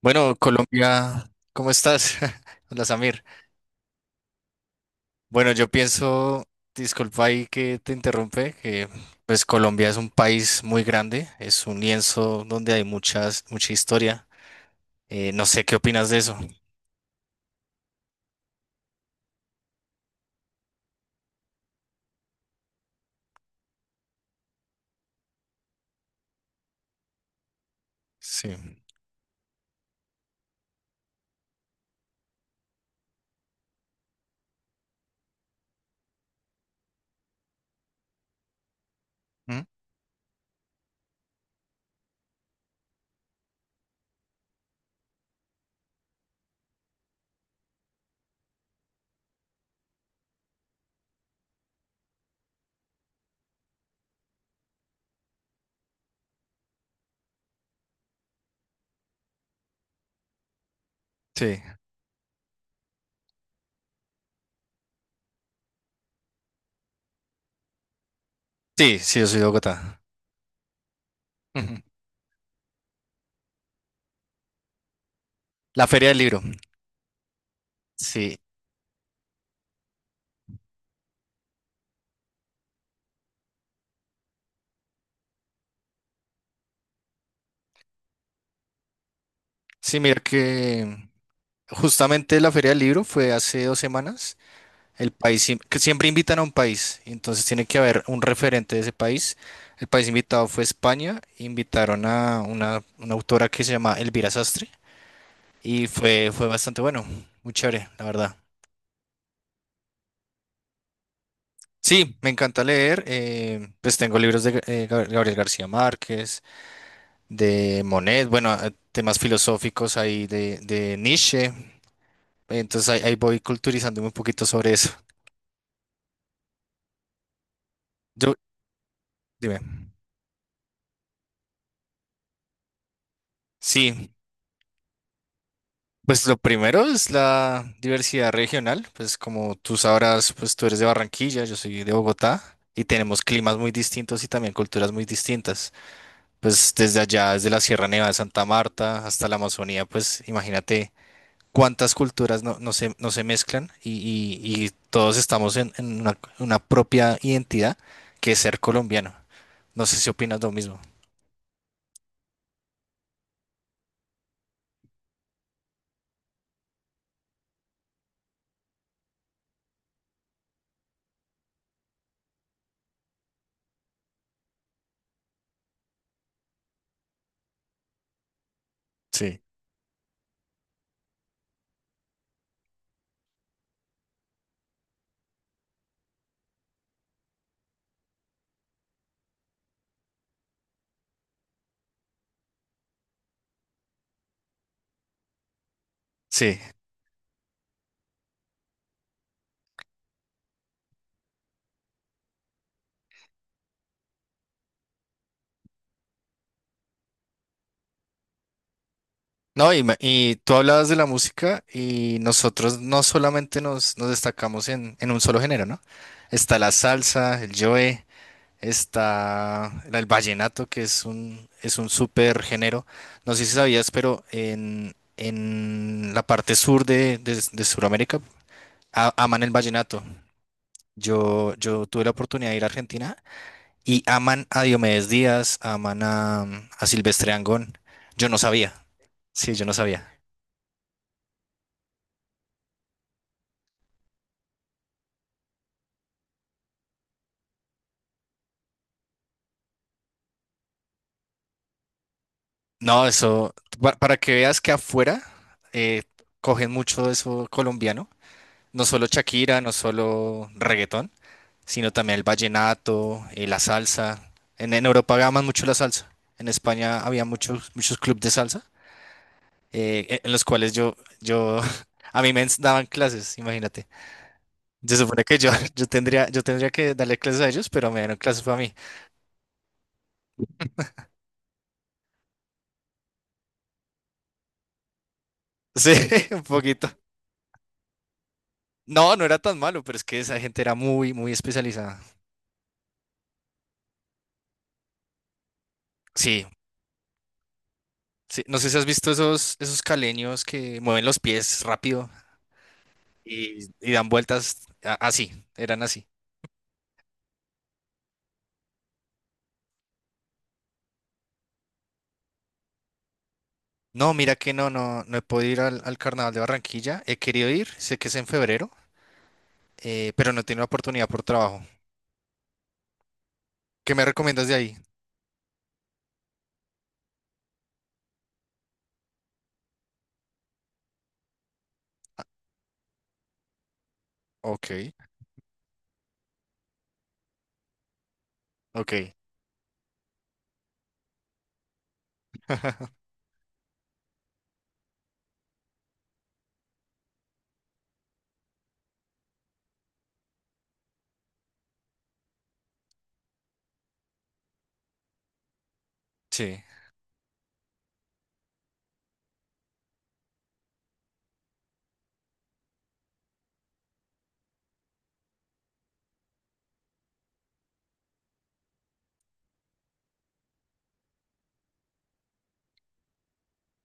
Bueno, Colombia, ¿cómo estás? Hola Samir. Bueno, yo pienso, disculpa ahí que te interrumpe, que pues Colombia es un país muy grande, es un lienzo donde hay mucha historia. No sé qué opinas de eso. Sí. ¿Mm? Sí. Sí, sí, yo soy de Bogotá. Ujú. La Feria del Libro. Sí. Sí, mira que justamente la Feria del Libro fue hace 2 semanas. El país, que siempre invitan a un país, y entonces tiene que haber un referente de ese país. El país invitado fue España, invitaron a una autora que se llama Elvira Sastre y fue bastante bueno, muy chévere, la verdad. Sí, me encanta leer, pues tengo libros de Gabriel García Márquez, de Monet, bueno, temas filosóficos ahí de Nietzsche, entonces ahí voy culturizándome un poquito sobre eso. Yo, dime, sí. Pues lo primero es la diversidad regional, pues como tú sabrás, pues tú eres de Barranquilla, yo soy de Bogotá y tenemos climas muy distintos y también culturas muy distintas. Pues desde allá, desde la Sierra Nevada de Santa Marta hasta la Amazonía, pues imagínate cuántas culturas no, no se mezclan y, y todos estamos en una propia identidad que es ser colombiano. No sé si opinas lo mismo. Sí, sí. No, y, y tú hablabas de la música y nosotros no solamente nos destacamos en un solo género, ¿no? Está la salsa, el joe, está el vallenato, que es es un súper género. No sé si sabías, pero en, en la parte sur de, de Sudamérica aman el vallenato. Yo tuve la oportunidad de ir a Argentina y aman a Diomedes Díaz, aman a Silvestre Angón. Yo no sabía, sí, yo no sabía. No, eso, para que veas que afuera eh, cogen mucho eso colombiano, no solo Shakira, no solo reggaetón, sino también el vallenato, la salsa. En Europa aman mucho la salsa. En España había muchos clubes de salsa, en los cuales yo, yo, a mí daban clases, imagínate. Se supone que yo, yo tendría que darle clases a ellos, pero me dieron clases para mí. Sí, un poquito. No, no era tan malo, pero es que esa gente era muy especializada. Sí, sí, no sé si has visto esos caleños que mueven los pies rápido y dan vueltas así, eran así. No, mira que no, no, no he podido ir al Carnaval de Barranquilla. He querido ir, sé que es en febrero, pero no he tenido oportunidad por trabajo. ¿Qué me recomiendas de ahí? Ok, ok. Sí,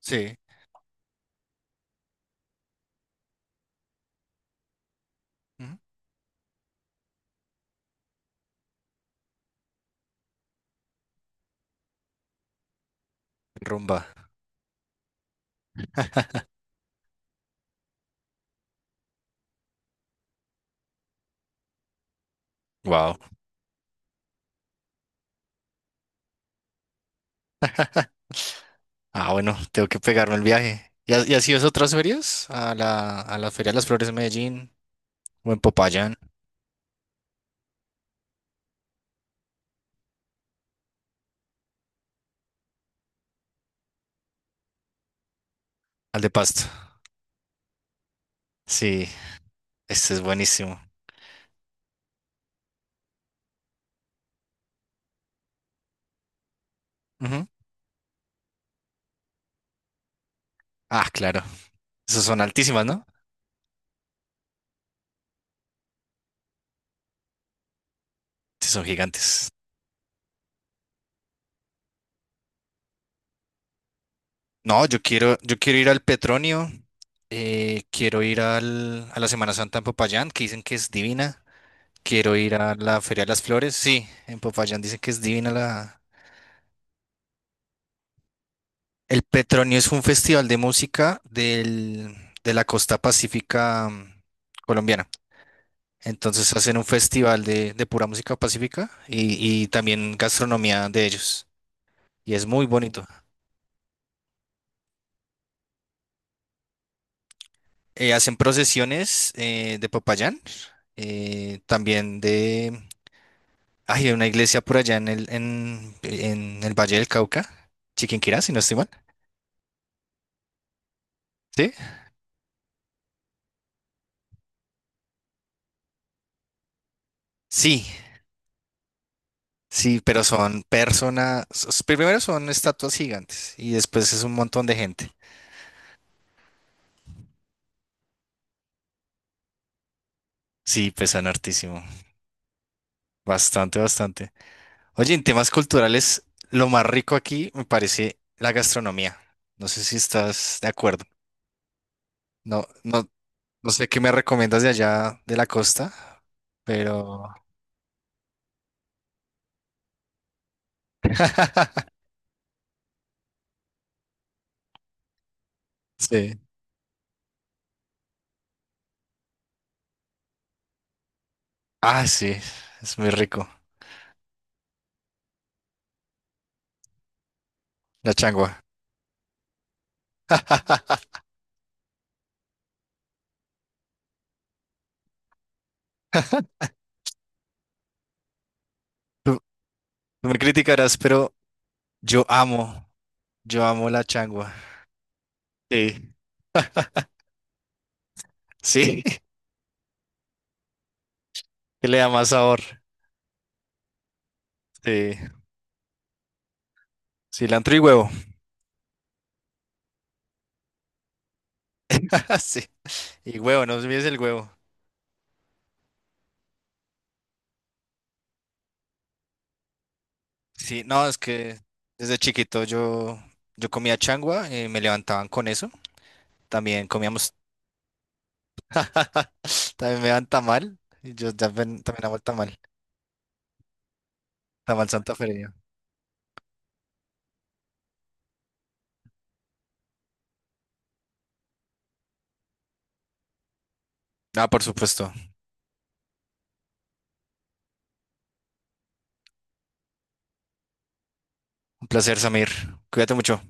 sí. Ujú. Rumba. Wow. Ah, bueno, tengo que pegarme el viaje. ¿Y, y has ido a otras ferias? A la Feria de las Flores de Medellín o en Popayán, al de Pasto. Sí. Este es buenísimo. Ujú. Ah, claro. Esas son altísimas, ¿no? Sí, son gigantes. No, yo quiero ir al Petronio. Quiero ir a la Semana Santa en Popayán, que dicen que es divina. Quiero ir a la Feria de las Flores. Sí, en Popayán dicen que es divina la... El Petronio es un festival de música de la costa pacífica mm, colombiana. Entonces hacen un festival de pura música pacífica y también gastronomía de ellos. Y es muy bonito. Hacen procesiones de Popayán, también de... Hay una iglesia por allá en el, en el Valle del Cauca, Chiquinquirá, si no estoy mal. ¿Sí? Sí, sí, pero son Primero son estatuas gigantes y después es un montón de gente. Sí, pesan hartísimo. Bastante, bastante. Oye, en temas culturales, lo más rico aquí me parece la gastronomía. No sé si estás de acuerdo. No, no, no sé qué me recomiendas de allá de la costa, pero sí. Ah, sí, es muy rico. La changua. Tú, tú me criticarás, pero yo amo, yo amo la changua. Sí, sí, que le da más sabor. Sí, cilantro y huevo. Sí, y huevo, no olvides el huevo. Sí, no, es que desde chiquito yo, yo comía changua, me levantaban con eso. También comíamos, también me daban tamal. Y yo también, también amo el tamal. Tamal Santa Feria. Ah, por supuesto. Un placer, Samir. Cuídate mucho.